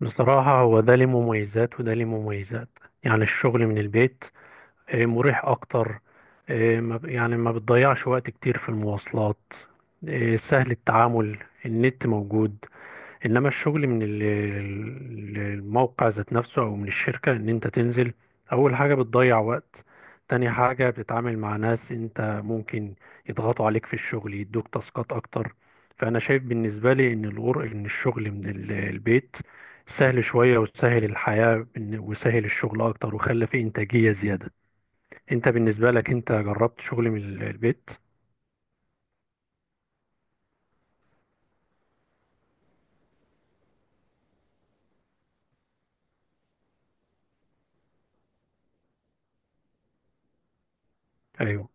بصراحة هو ده ليه مميزات وده ليه مميزات. يعني الشغل من البيت مريح أكتر. آه، ما ب- يعني ما بتضيعش وقت كتير في المواصلات. سهل التعامل، النت موجود. انما الشغل من الموقع ذات نفسه او من الشركة ان انت تنزل، اول حاجة بتضيع وقت، تاني حاجة بتتعامل مع ناس انت ممكن يضغطوا عليك في الشغل يدوك تاسكات اكتر. فانا شايف بالنسبة لي ان الغر ان الشغل من البيت سهل شوية وسهل وسهل الشغل اكتر وخلى فيه انتاجية زيادة. انت بالنسبة لك انت جربت شغل من البيت؟ ايوه،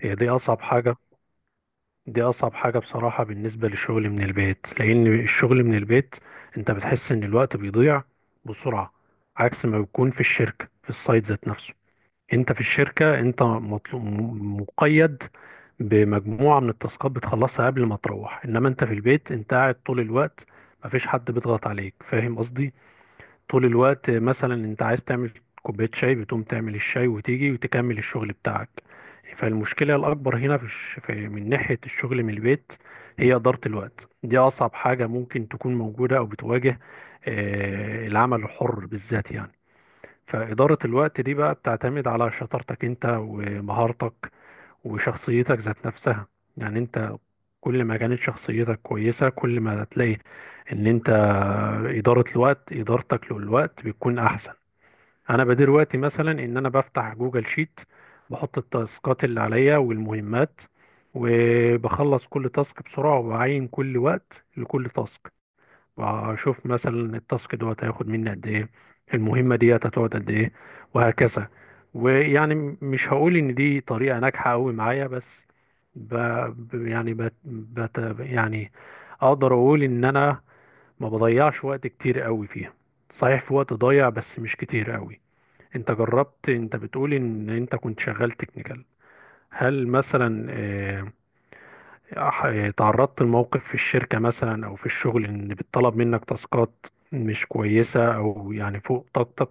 هي دي اصعب حاجة. دي أصعب حاجة بصراحة بالنسبة للشغل من البيت، لأن الشغل من البيت أنت بتحس إن الوقت بيضيع بسرعة، عكس ما بيكون في الشركة في السايت ذات نفسه. أنت في الشركة أنت مطلوب، مقيد بمجموعة من التاسكات بتخلصها قبل ما تروح، إنما أنت في البيت أنت قاعد طول الوقت، مفيش حد بيضغط عليك، فاهم قصدي؟ طول الوقت مثلا انت عايز تعمل كوباية شاي بتقوم تعمل الشاي وتيجي وتكمل الشغل بتاعك. فالمشكلة الأكبر هنا في من ناحية الشغل من البيت هي إدارة الوقت. دي أصعب حاجة ممكن تكون موجودة أو بتواجه العمل الحر بالذات. يعني فإدارة الوقت دي بقى بتعتمد على شطارتك انت ومهارتك وشخصيتك ذات نفسها. يعني انت كل ما كانت شخصيتك كويسة كل ما هتلاقي ان انت إدارة الوقت إدارتك للوقت بتكون أحسن. أنا بدير وقتي مثلا إن أنا بفتح جوجل شيت، بحط التاسكات اللي عليا والمهمات، وبخلص كل تاسك بسرعة وبعين كل وقت لكل تاسك، واشوف مثلا التاسك دوت هياخد مني قد ايه، المهمه ديت هتقعد قد ايه، وهكذا. ويعني مش هقول ان دي طريقه ناجحه قوي معايا، بس ب... ب- يعني بت... بت... يعني اقدر اقول ان انا ما بضيعش وقت كتير قوي فيها. صحيح في وقت ضايع بس مش كتير قوي. انت جربت، انت بتقول ان انت كنت شغال تكنيكال، هل مثلا تعرضت لموقف في الشركة مثلا أو في الشغل إن بيطلب منك تاسكات مش كويسة أو يعني فوق طاقتك؟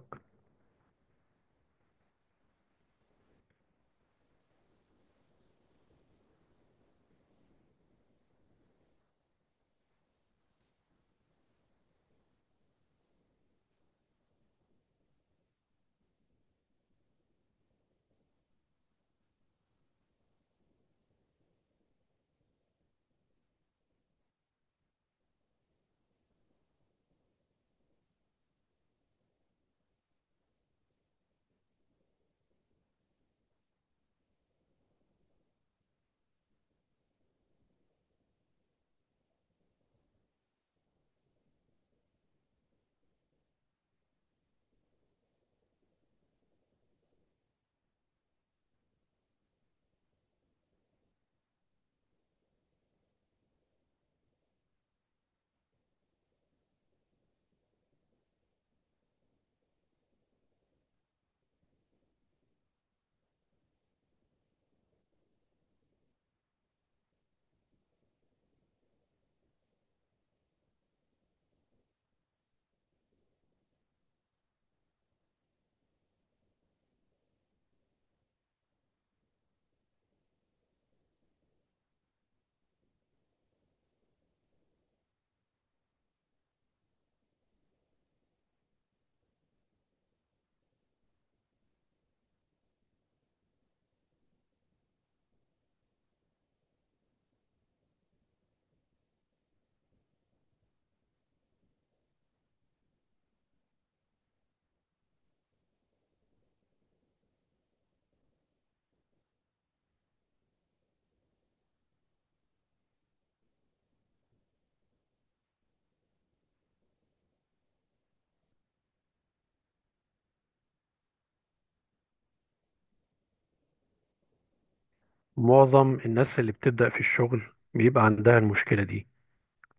معظم الناس اللي بتبدأ في الشغل بيبقى عندها المشكلة دي،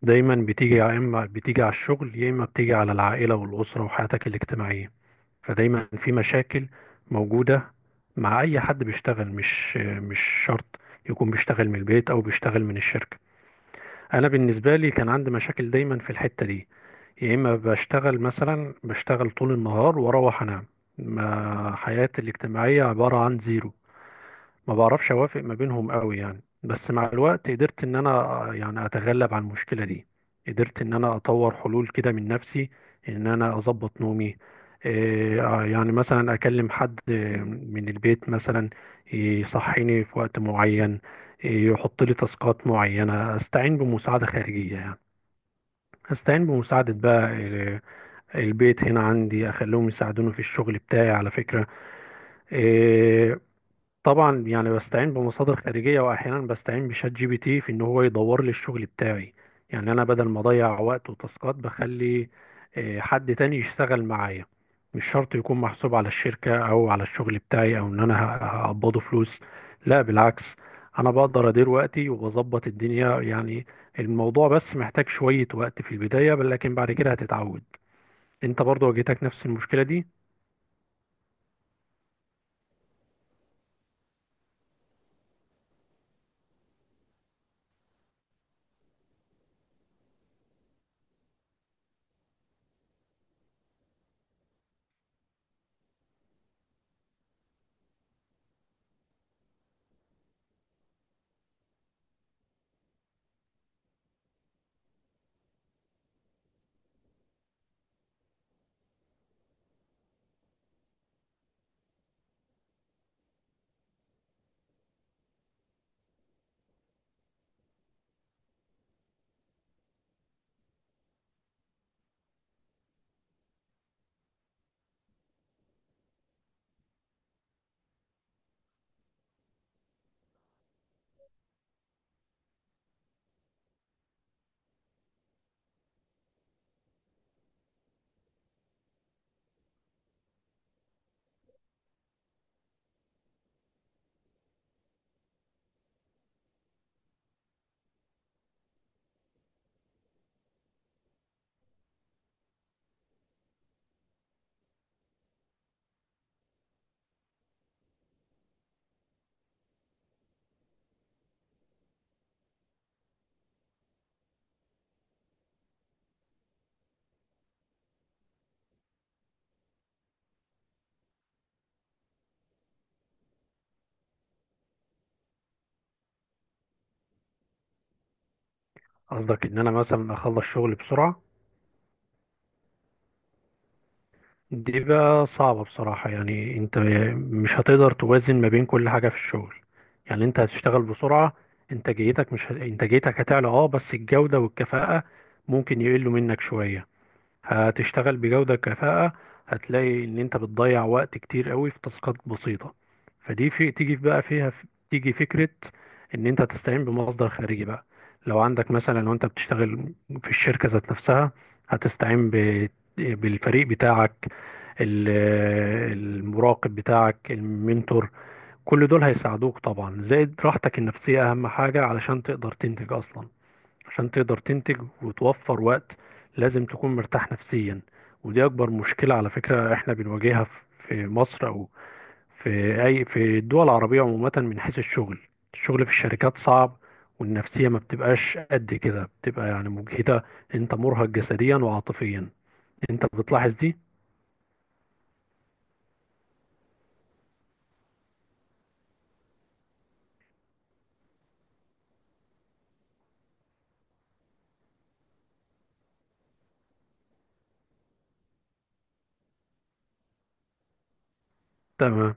دايما بتيجي، يا إما بتيجي على الشغل يا إما بتيجي على العائلة والأسرة وحياتك الاجتماعية. فدايما في مشاكل موجودة مع أي حد بيشتغل، مش شرط يكون بيشتغل من البيت أو بيشتغل من الشركة. انا بالنسبه لي كان عندي مشاكل دايما في الحته دي، يا اما بشتغل طول النهار واروح انام، ما حياتي الاجتماعيه عباره عن زيرو، ما بعرفش اوافق ما بينهم قوي يعني. بس مع الوقت قدرت ان انا يعني اتغلب على المشكلة دي، قدرت ان انا اطور حلول كده من نفسي، ان انا اظبط نومي، إيه، آه، يعني مثلا اكلم حد من البيت مثلا يصحيني في وقت معين، يحط لي تاسكات معينة. استعين بمساعدة خارجية يعني، استعين بمساعدة بقى البيت هنا عندي، اخليهم يساعدوني في الشغل بتاعي على فكرة. آه، طبعا يعني بستعين بمصادر خارجية، وأحيانا بستعين بشات جي بي تي في إن هو يدور لي الشغل بتاعي. يعني أنا بدل ما أضيع وقت وتاسكات، بخلي حد تاني يشتغل معايا. مش شرط يكون محسوب على الشركة أو على الشغل بتاعي أو إن هقبضه فلوس، لا بالعكس. أنا بقدر أدير وقتي وبظبط الدنيا يعني. الموضوع بس محتاج شوية وقت في البداية لكن بعد كده هتتعود. أنت برضو واجهتك نفس المشكلة دي؟ قصدك إن أنا مثلا أخلص شغل بسرعة؟ دي بقى صعبة بصراحة، يعني انت مش هتقدر توازن ما بين كل حاجة في الشغل. يعني انت هتشتغل بسرعة، انتاجيتك مش ه... انتاجيتك هتعلى اه، بس الجودة والكفاءة ممكن يقلوا منك شوية. هتشتغل بجودة كفاءة، هتلاقي ان انت بتضيع وقت كتير قوي في تاسكات بسيطة. فدي في تيجي بقى فيها تيجي فكرة ان انت تستعين بمصدر خارجي بقى. لو عندك مثلا، لو انت بتشتغل في الشركة ذات نفسها، هتستعين بالفريق بتاعك، ال- المراقب بتاعك، المنتور. كل دول هيساعدوك، طبعا زائد راحتك النفسية اهم حاجة علشان تقدر تنتج اصلا. عشان تقدر تنتج وتوفر وقت لازم تكون مرتاح نفسيا. ودي اكبر مشكلة على فكرة احنا بنواجهها في مصر او في الدول العربية عموما من حيث الشغل. الشغل في الشركات صعب، والنفسية ما بتبقاش قد كده، بتبقى يعني مجهدة. انت مرهق جسديا وعاطفيا، انت بتلاحظ دي؟ تمام.